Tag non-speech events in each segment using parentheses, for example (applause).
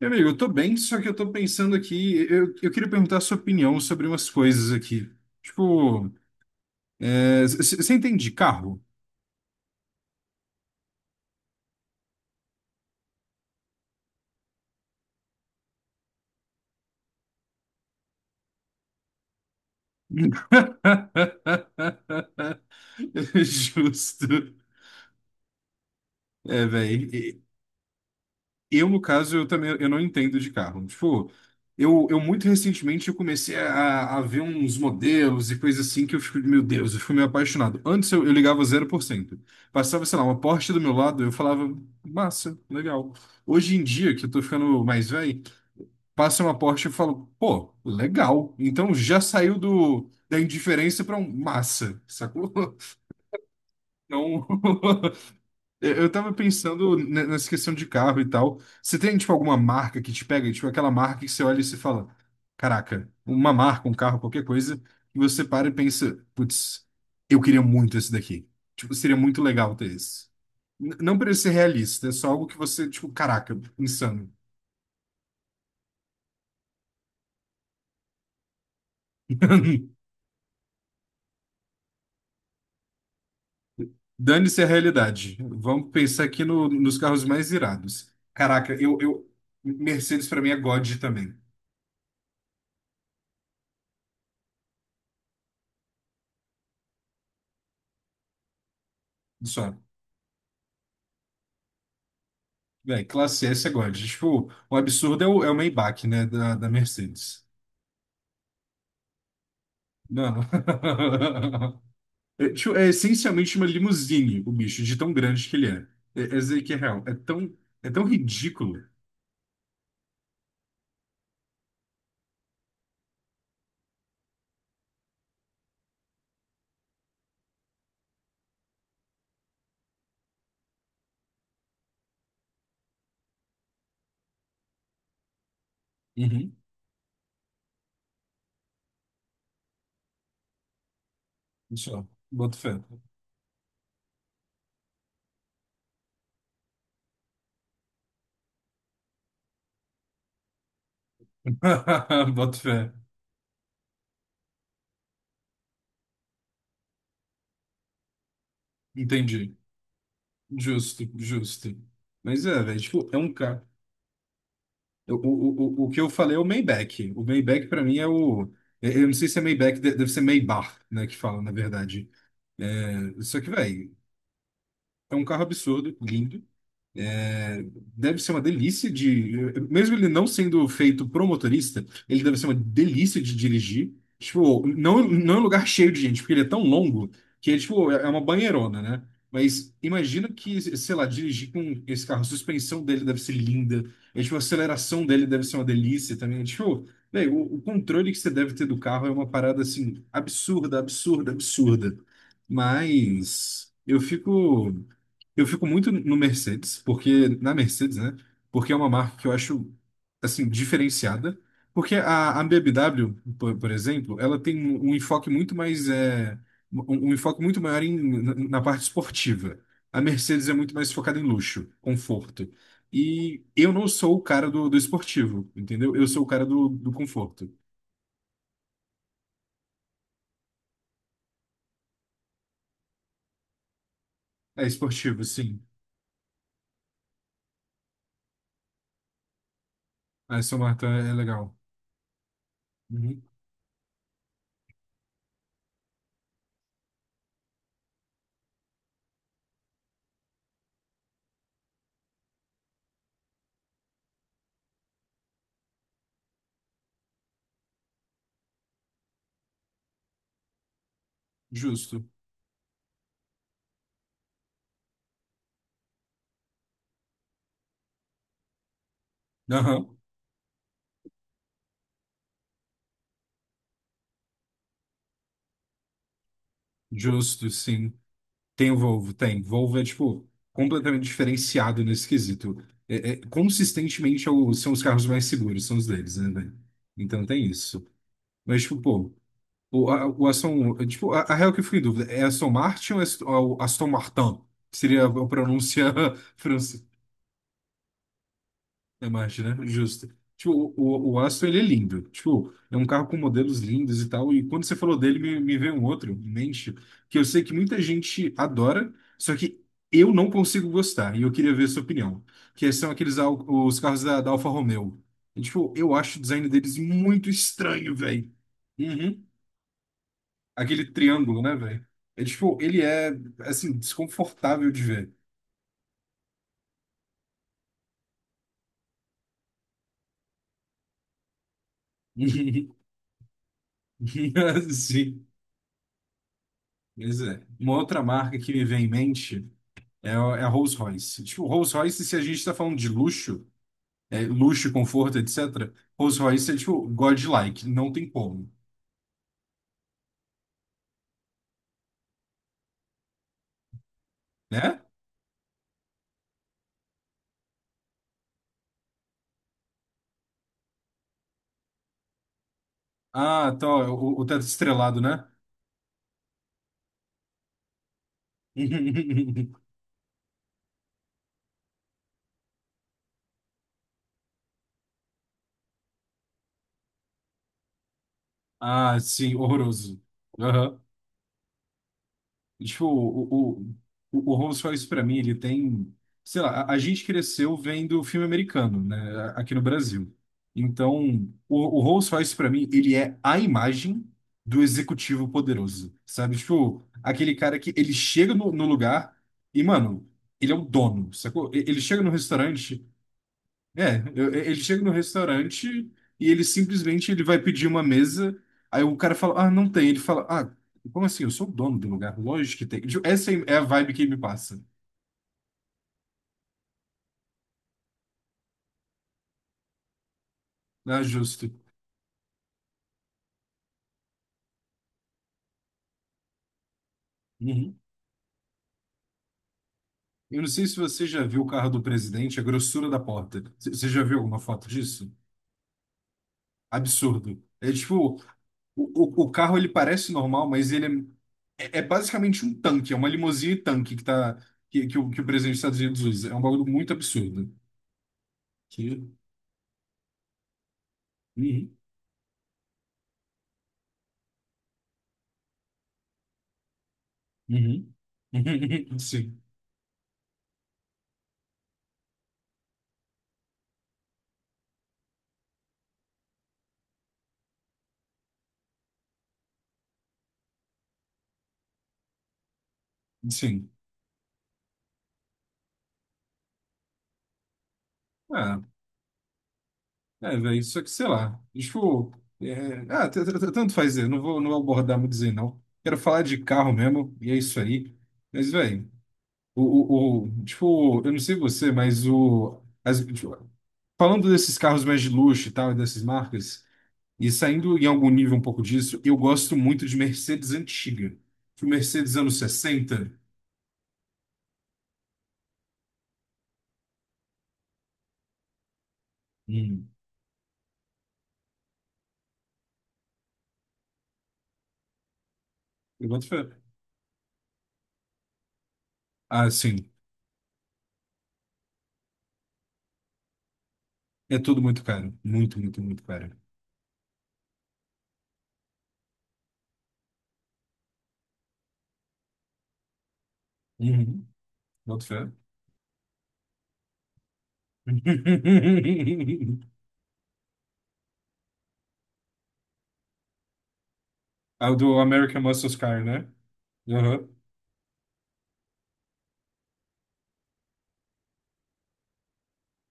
Meu amigo, eu tô bem, só que eu tô pensando aqui, eu queria perguntar a sua opinião sobre umas coisas aqui. Tipo, é, você entende de carro? (laughs) Justo. É, velho. Eu, no caso, eu também eu não entendo de carro. Tipo, eu muito recentemente eu comecei a ver uns modelos e coisas assim que eu fico, meu Deus, eu fico meio apaixonado. Antes eu ligava 0%. Passava, sei lá, uma Porsche do meu lado, eu falava, massa, legal. Hoje em dia, que eu tô ficando mais velho, passa uma Porsche e eu falo, pô, legal. Então já saiu da indiferença pra um massa, sacou? (laughs) Então, (laughs) Eu tava pensando nessa questão de carro e tal. Você tem, tipo, alguma marca que te pega? Tipo, aquela marca que você olha e se fala, caraca, uma marca, um carro, qualquer coisa, e você para e pensa, putz, eu queria muito esse daqui. Tipo, seria muito legal ter esse. Não precisa ser realista, é só algo que você, tipo, caraca, insano. (laughs) Dane-se a realidade. Vamos pensar aqui nos carros mais irados. Caraca, eu... Mercedes pra mim é God também. Só. Véi, classe S é God. Tipo, o absurdo é é o Maybach, né? Da Mercedes. Mano. (laughs) É, tipo, é essencialmente uma limusine, o bicho, de tão grande que ele é. É, é dizer que é real. É tão ridículo. Uhum. Isso, ó. Boto fé. (laughs) Boto fé. Entendi. Justo, justo. Mas é, velho, tipo, é um carro. O que eu falei é o Maybach. O Maybach, pra mim, é o. Eu não sei se é Maybach, deve ser Maybach, né? Que fala, na verdade. É, isso aqui, velho, é um carro absurdo, lindo. É, deve ser uma delícia de. Mesmo ele não sendo feito pro motorista, ele deve ser uma delícia de dirigir. Tipo, não em lugar cheio de gente, porque ele é tão longo que é, tipo, é uma banheirona, né? Mas imagina que, sei lá, dirigir com esse carro, a suspensão dele deve ser linda, e, tipo, a aceleração dele deve ser uma delícia também. Tipo, véi, o controle que você deve ter do carro é uma parada assim, absurda, absurda, absurda. Mas eu fico. Eu fico muito no Mercedes, porque na Mercedes, né? Porque é uma marca que eu acho assim diferenciada, porque a BMW, por exemplo, ela tem um enfoque muito mais um enfoque muito maior em, na parte esportiva. A Mercedes é muito mais focada em luxo, conforto. E eu não sou o cara do esportivo, entendeu? Eu sou o cara do conforto. É esportivo, sim. Ah, essa marca é legal. Uhum. Justo. Aham. Justo, sim. Tem o Volvo, tem. Volvo é, tipo, completamente diferenciado nesse quesito. É, consistentemente são os carros mais seguros, são os deles, né, velho? Então tem isso. Mas, tipo, pô, o Aston. Tipo, a real, que eu fico em dúvida, é Aston Martin ou é Aston, ou Aston Martin? Seria a pronúncia (laughs) fran- é. Imagina, justo. Tipo, o Aston, ele é lindo. Tipo, é um carro com modelos lindos e tal. E quando você falou dele, me veio um outro em mente, que eu sei que muita gente adora, só que eu não consigo gostar. E eu queria ver a sua opinião. Que são os carros da, da Alfa Romeo. E, tipo, eu acho o design deles muito estranho, velho. Uhum. Aquele triângulo, né, velho? É, tipo, ele é, assim, desconfortável de ver. (laughs) Sim. Pois é. Uma outra marca que me vem em mente é a Rolls-Royce. Tipo, Rolls-Royce, se a gente está falando de luxo, é, luxo, conforto, etc., Rolls-Royce é tipo godlike, não tem como, né? Ah, tá, ó, o teto estrelado, né? (laughs) Ah, sim, horroroso. Tipo, o Holmes faz isso pra mim, ele tem, sei lá, a gente cresceu vendo filme americano, né, aqui no Brasil. Então, o Holmes faz isso pra mim, ele é a imagem do executivo poderoso, sabe? Tipo, aquele cara que ele chega no lugar e, mano, ele é o dono, sacou? Ele chega no restaurante, é, ele chega no restaurante e ele simplesmente ele vai pedir uma mesa, aí o cara fala, ah, não tem. Ele fala, ah, como assim? Eu sou o dono do lugar, lógico que tem. Essa é a vibe que me passa. Ah, justo. Uhum. Eu não sei se você já viu o carro do presidente, a grossura da porta. Você já viu alguma foto disso? Absurdo. É tipo, o, o carro, ele parece normal, mas ele é, é, é basicamente um tanque, é uma limusine tanque que, tá, que o presidente dos Estados Unidos usa. É um bagulho muito absurdo. Que... Uhum. Uhum. (laughs) Sim, sim. Ah, é, velho, só que sei lá. Tipo, é, ah, tanto faz, eu não vou, não vou abordar muito dizer não. Quero falar de carro mesmo, e é isso aí. Mas, velho, o, tipo, eu não sei você, mas o. As, tipo, falando desses carros mais de luxo e tal, e dessas marcas, e saindo em algum nível um pouco disso, eu gosto muito de Mercedes antiga. Tipo, Mercedes anos 60. Hum, eu boto fé. Ah, sim. É tudo muito caro. Muito, muito, muito caro. Uhum. Boto fé. (laughs) Ah, o do American Muscle Car, né? Aham.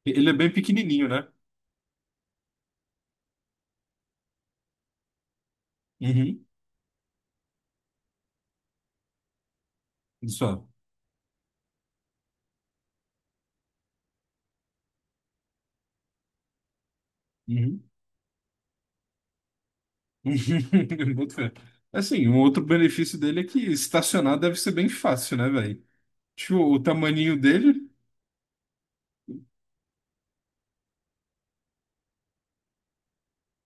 Ele é bem pequenininho, né? Uhum. Só. Uhum. (laughs) Boto fé. Assim, um outro benefício dele é que estacionar deve ser bem fácil, né, velho? Tipo, o tamaninho dele,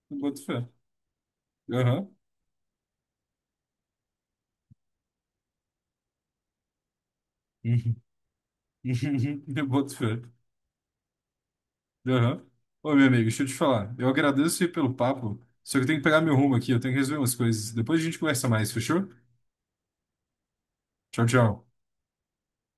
eu boto fé. Aham. Uhum. (laughs) Eu boto fé. Aham. Ô, meu amigo, deixa eu te falar. Eu agradeço aí pelo papo, só que eu tenho que pegar meu rumo aqui, eu tenho que resolver umas coisas. Depois a gente conversa mais, fechou? Tchau, tchau.